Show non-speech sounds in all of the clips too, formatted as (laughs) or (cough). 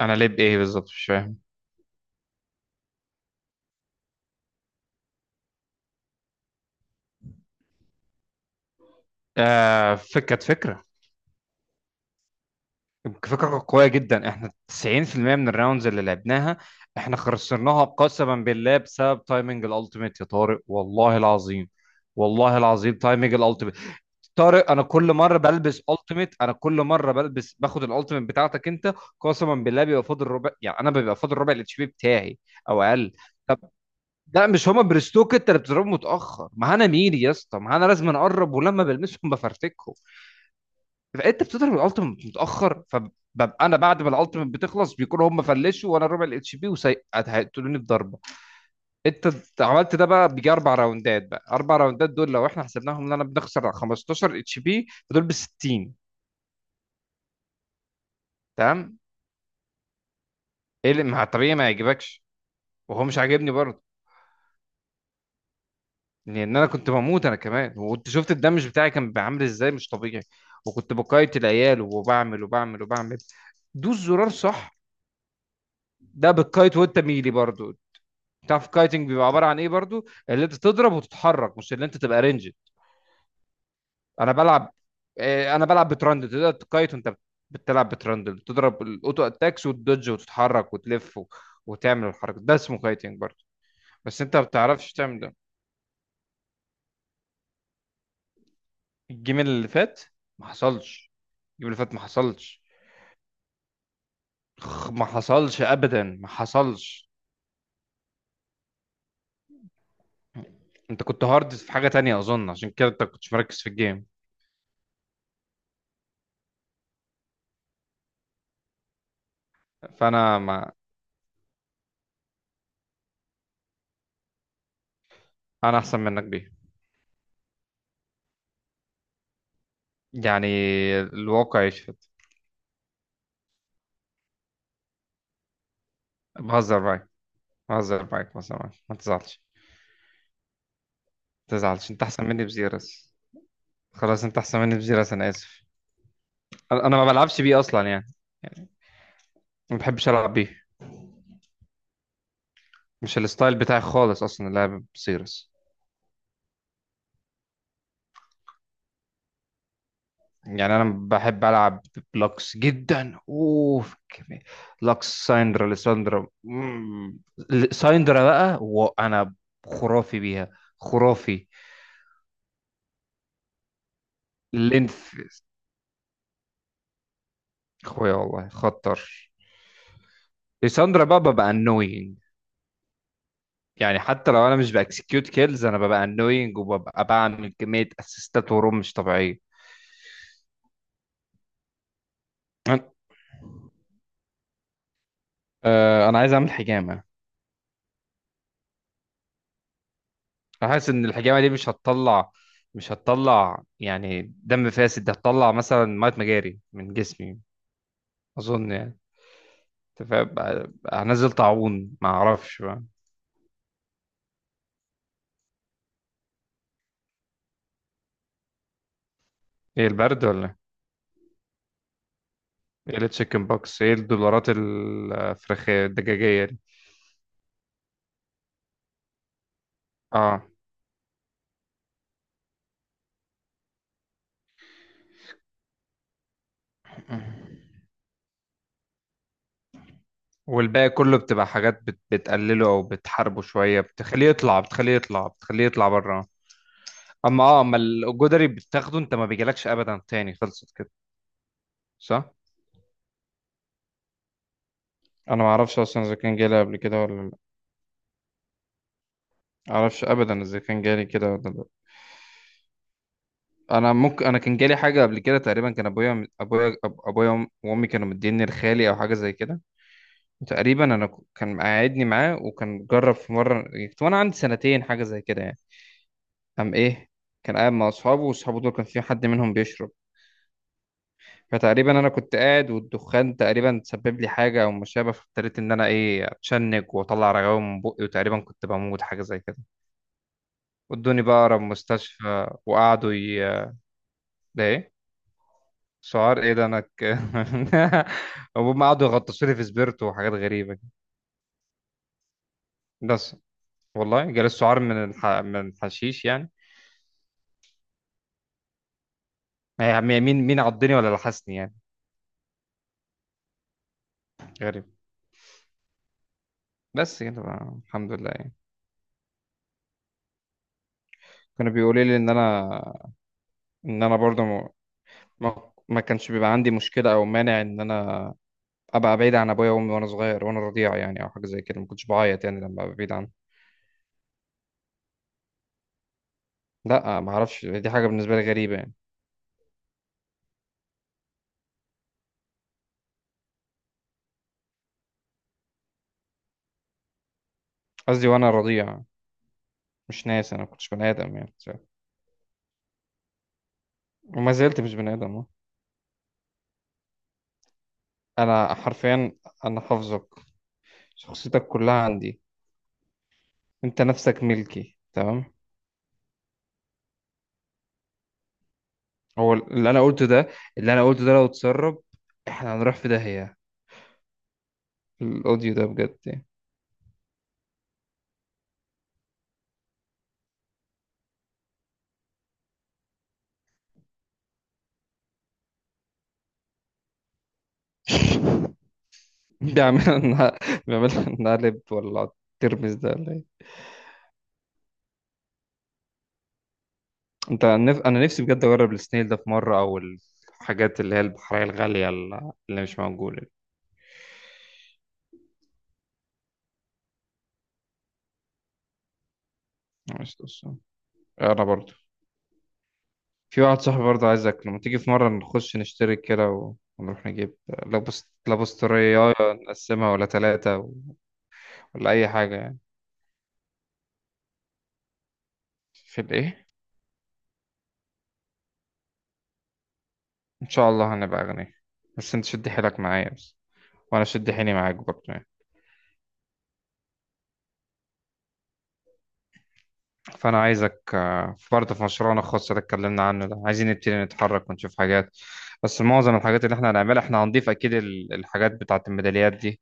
انا ليه بايه بالظبط مش فاهم. كانت فكره. فكره قويه جدا، احنا 90% من الراوندز اللي لعبناها احنا خسرناها قسما بالله بسبب تايمنج الالتيميت يا طارق، والله العظيم. والله العظيم، تايمنج الالتيميت. طارق، انا كل مره بلبس التيميت، انا كل مره باخد الالتيميت بتاعتك انت. قسما بالله بيبقى فاضل ربع، يعني انا بيبقى فاضل ربع الاتش بي بتاعي او اقل. طب، لا، مش هما برستوك، انت اللي بتضربه متاخر، ما انا مين يا اسطى، ما انا لازم اقرب ولما بلمسهم بفرتكهم. فانت بتضرب الالتيميت متاخر، فببقى انا بعد ما الالتيميت بتخلص بيكونوا هم فلشوا وانا ربع الاتش بي وهيقتلوني بضربه. انت عملت ده بقى بيجي اربع راوندات، بقى اربع راوندات دول لو احنا حسبناهم ان انا بنخسر 15 اتش بي فدول ب 60. تمام. ايه اللي مع الطبيعي ما يعجبكش؟ وهو مش عاجبني برضه، لان انا كنت بموت انا كمان، وانت شفت الدمج بتاعي كان عامل ازاي، مش طبيعي. وكنت بقايت العيال وبعمل وبعمل وبعمل. دوس زرار، صح؟ ده بالكايت وانت ميلي برضو. تعرف الكايتنج بيبقى عباره عن ايه برضو؟ اللي انت تضرب وتتحرك، مش اللي انت تبقى رينج. انا بلعب. انا بلعب بترندل، تقدر تكايت وانت بتلعب بترندل، تضرب الاوتو اتاكس وتدج وتتحرك وتلف و... وتعمل الحركه، ده اسمه كايتنج برضو. بس انت ما بتعرفش تعمل ده. الجيم اللي فات ما حصلش. الجيم اللي فات ما حصلش. ما حصلش ابدا، ما حصلش. انت كنت هارد في حاجه تانية اظن، عشان كده انت كنتش مركز في الجيم. فانا ما. انا احسن منك بيه، يعني الواقع يشفى. بهزر معاك بهزر معاك بهزر معاك، ما تزعلش. ما تزعلش، انت احسن مني بزيرس. خلاص انت احسن مني بزيرس، انا اسف. انا ما بلعبش بيه اصلا يعني، ما بحبش العب بيه. مش الستايل بتاعي خالص اصلا اللعب بزيرس. يعني انا بحب العب بلوكس جدا اوف كمية. لوكس، سايندرا، ليساندرا، مم. سايندرا بقى وانا خرافي بيها، خرافي. لينث. اخويا والله خطر. ليساندرا بقى ببقى انوينج، يعني حتى لو انا مش باكسكيوت كيلز انا ببقى انوينج، وببقى بعمل كميه اسيستات وروم مش طبيعيه. انا. أنا عايز اعمل حجامه. أنا حاسس ان الحجامه دي مش هتطلع، مش هتطلع يعني دم فاسد، ده هتطلع مثلا ميه مجاري من جسمي، اظن يعني. انت فاهم بقى هنزل طاعون، ما اعرفش بقى. ايه، البرد ولا؟ ايه التشيكن بوكس؟ ايه الدولارات الفراخيه الدجاجيه دي؟ اه. والباقي كله بتبقى حاجات بتقلله او بتحاربه شويه، بتخليه يطلع، بتخليه يطلع، بتخليه يطلع بره. اما اه اما الجدري بتاخده انت ما بيجيلكش ابدا تاني، خلصت كده. صح. انا ما اعرفش اصلا اذا كان جالي قبل كده ولا لا. ما اعرفش ابدا اذا كان جالي كده ولا لا. انا ممكن انا كان جالي حاجه قبل كده، تقريبا كان ابويا، ابويا وامي كانوا مديني لخالي او حاجه زي كده. تقريبا انا كان مقعدني معاه، وكان جرب في مره كنت وانا عندي سنتين، حاجه زي كده يعني. قام ايه، كان قاعد مع اصحابه، واصحابه دول كان في حد منهم بيشرب، فتقريبا انا كنت قاعد والدخان تقريبا سبب لي حاجه او ما شابه، فابتديت ان انا ايه اتشنج واطلع رغاوي من بقي، وتقريبا كنت بموت، حاجه زي كده. ودوني بقى اقرب مستشفى وقعدوا ده ايه؟ سعار ايه ده، انا (laughs) هم قعدوا يغطسوا لي في سبيرتو وحاجات غريبه كده. بس. والله جالي السعار من من الحشيش يعني. يعني مين، مين عضني ولا لحسني يعني؟ غريب. بس كده بقى، الحمد لله يعني. كانوا بيقولوا لي ان انا، ان انا برضه ما كانش بيبقى عندي مشكلة أو مانع إن أنا أبقى بعيد عن أبويا وأمي وأنا صغير وأنا رضيع يعني، أو حاجة زي كده. ما كنتش بعيط يعني لما أبقى بعيد عنهم. لا ما أعرفش، دي حاجة بالنسبة لي غريبة يعني. قصدي وأنا رضيع، مش ناس، أنا ما كنتش بني آدم يعني. وما زلت مش بني آدم، أه. أنا حرفيا. أنا حافظك، شخصيتك كلها عندي، أنت نفسك ملكي تمام. هو اللي أنا قلته ده، اللي أنا قلته ده لو اتسرب إحنا هنروح في داهية، الأوديو ده بجد يعني. (laughs) بيعملها (laughs) بيعملها نقلب ولا ترمس ده، ولا ايه؟ انت انا نفسي بجد اجرب السنيل ده في مره، او الحاجات اللي هي البحريه الغاليه اللي مش موجوده دي. مش قصة. انا برضو. في واحد صاحبي برضو، عايزك لما تيجي في مره نخش نشترك كده ونروح نجيب لابس طريه نقسمها ولا ثلاثه و... ولا اي حاجه يعني. في الايه؟ ان شاء الله هنبقى اغنياء، بس انت شد حيلك معايا بس، وانا شد حيلي معاك برضو. فأنا عايزك برضه في مشروعنا الخاص اللي اتكلمنا عنه ده، عايزين نبتدي نتحرك ونشوف حاجات. بس معظم الحاجات اللي احنا هنعملها احنا هنضيف أكيد الحاجات بتاعة الميداليات دي،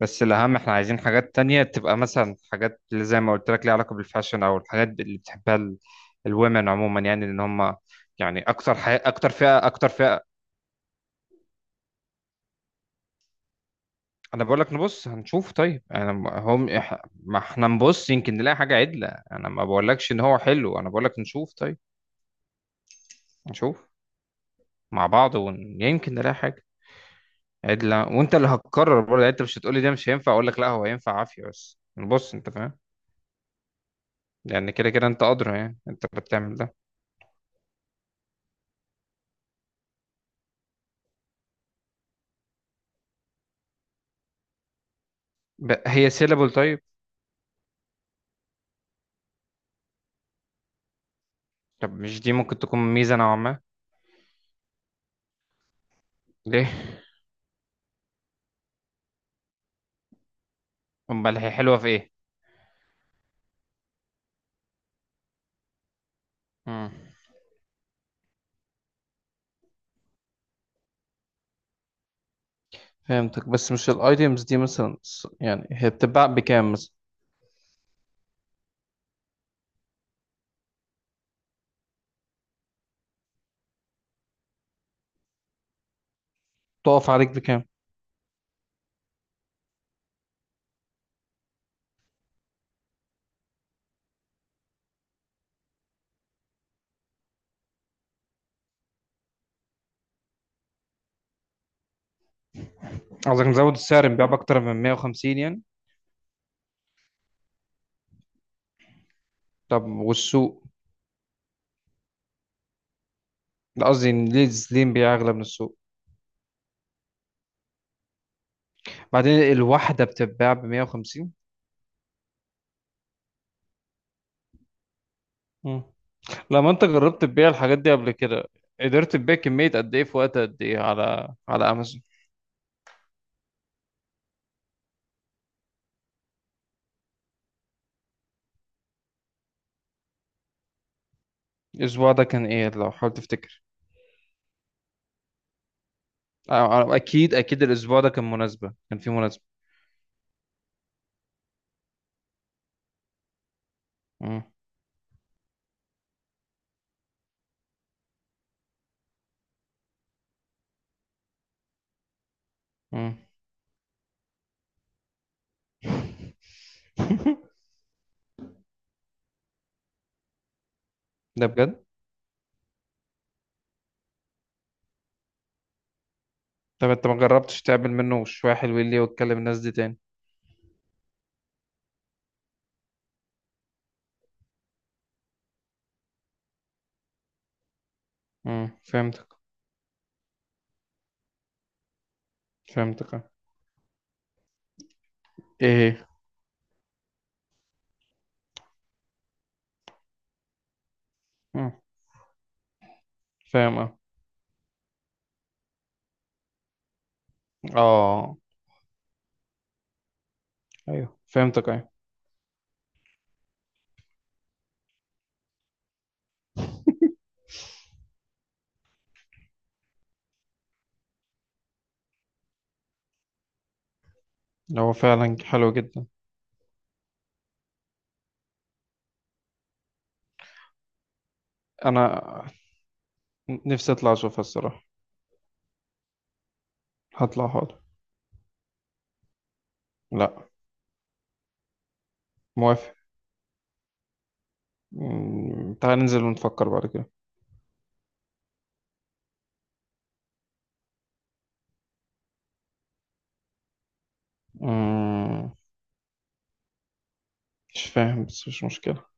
بس الأهم احنا عايزين حاجات تانية تبقى مثلا، حاجات اللي زي ما قلت لك ليها علاقة بالفاشن، أو الحاجات اللي بتحبها الومن عموما يعني، إن هم يعني أكتر أكتر فئة. أنا بقول لك نبص هنشوف طيب، أنا ما احنا نبص يمكن نلاقي حاجة عدلة، أنا ما بقولكش إن هو حلو، أنا بقول لك نشوف طيب. نشوف مع بعض ويمكن نلاقي حاجة عدلة، وانت اللي هتقرر برضه يعني، انت مش هتقولي ده مش هينفع اقول لك لا هو هينفع عافية، بس بص انت فاهم، لان كده كده انت ادرى يعني، انت اللي بتعمل ده. ب... هي سيلابل طيب؟ طب مش دي ممكن تكون ميزة نوعا ما؟ ليه؟ (laughs) امال هي حلوة في ايه؟ مم. فهمتك، بس مش الايتيمز دي مثلا س- يعني هي بتتباع بكام مثلا؟ تقف عليك بكام؟ قصدك مزود السعر نبيع بأكتر من 150 يعني؟ طب والسوق؟ لا قصدي إن ليه، ليه نبيع أغلى من السوق؟ بعدين الواحدة بتتباع ب 150. مم. لما انت جربت تبيع الحاجات دي قبل كده، قدرت تبيع كمية قد ايه في وقت قد ايه على امازون؟ الاسبوع ده كان ايه لو حاول تفتكر؟ اه، اكيد الاسبوع ده كان مناسبة، كان في مناسبة. مم. مم. (laughs) ده بجد؟ طب انت ما جربتش تعمل منه شوية حلوين ليه وتكلم الناس دي تاني؟ مم، فهمتك. فهمتك، اه. ايه؟ مم. فاهم، اه. اه. ايوه فهمتك، ايوه. هو فعلا حلو جدا. انا نفسي اطلع اشوفها الصراحة. هطلع، حاضر. لا. موافق. مم، تعال ننزل ونفكر بعد كده. مم، مش فاهم بس مش مشكلة.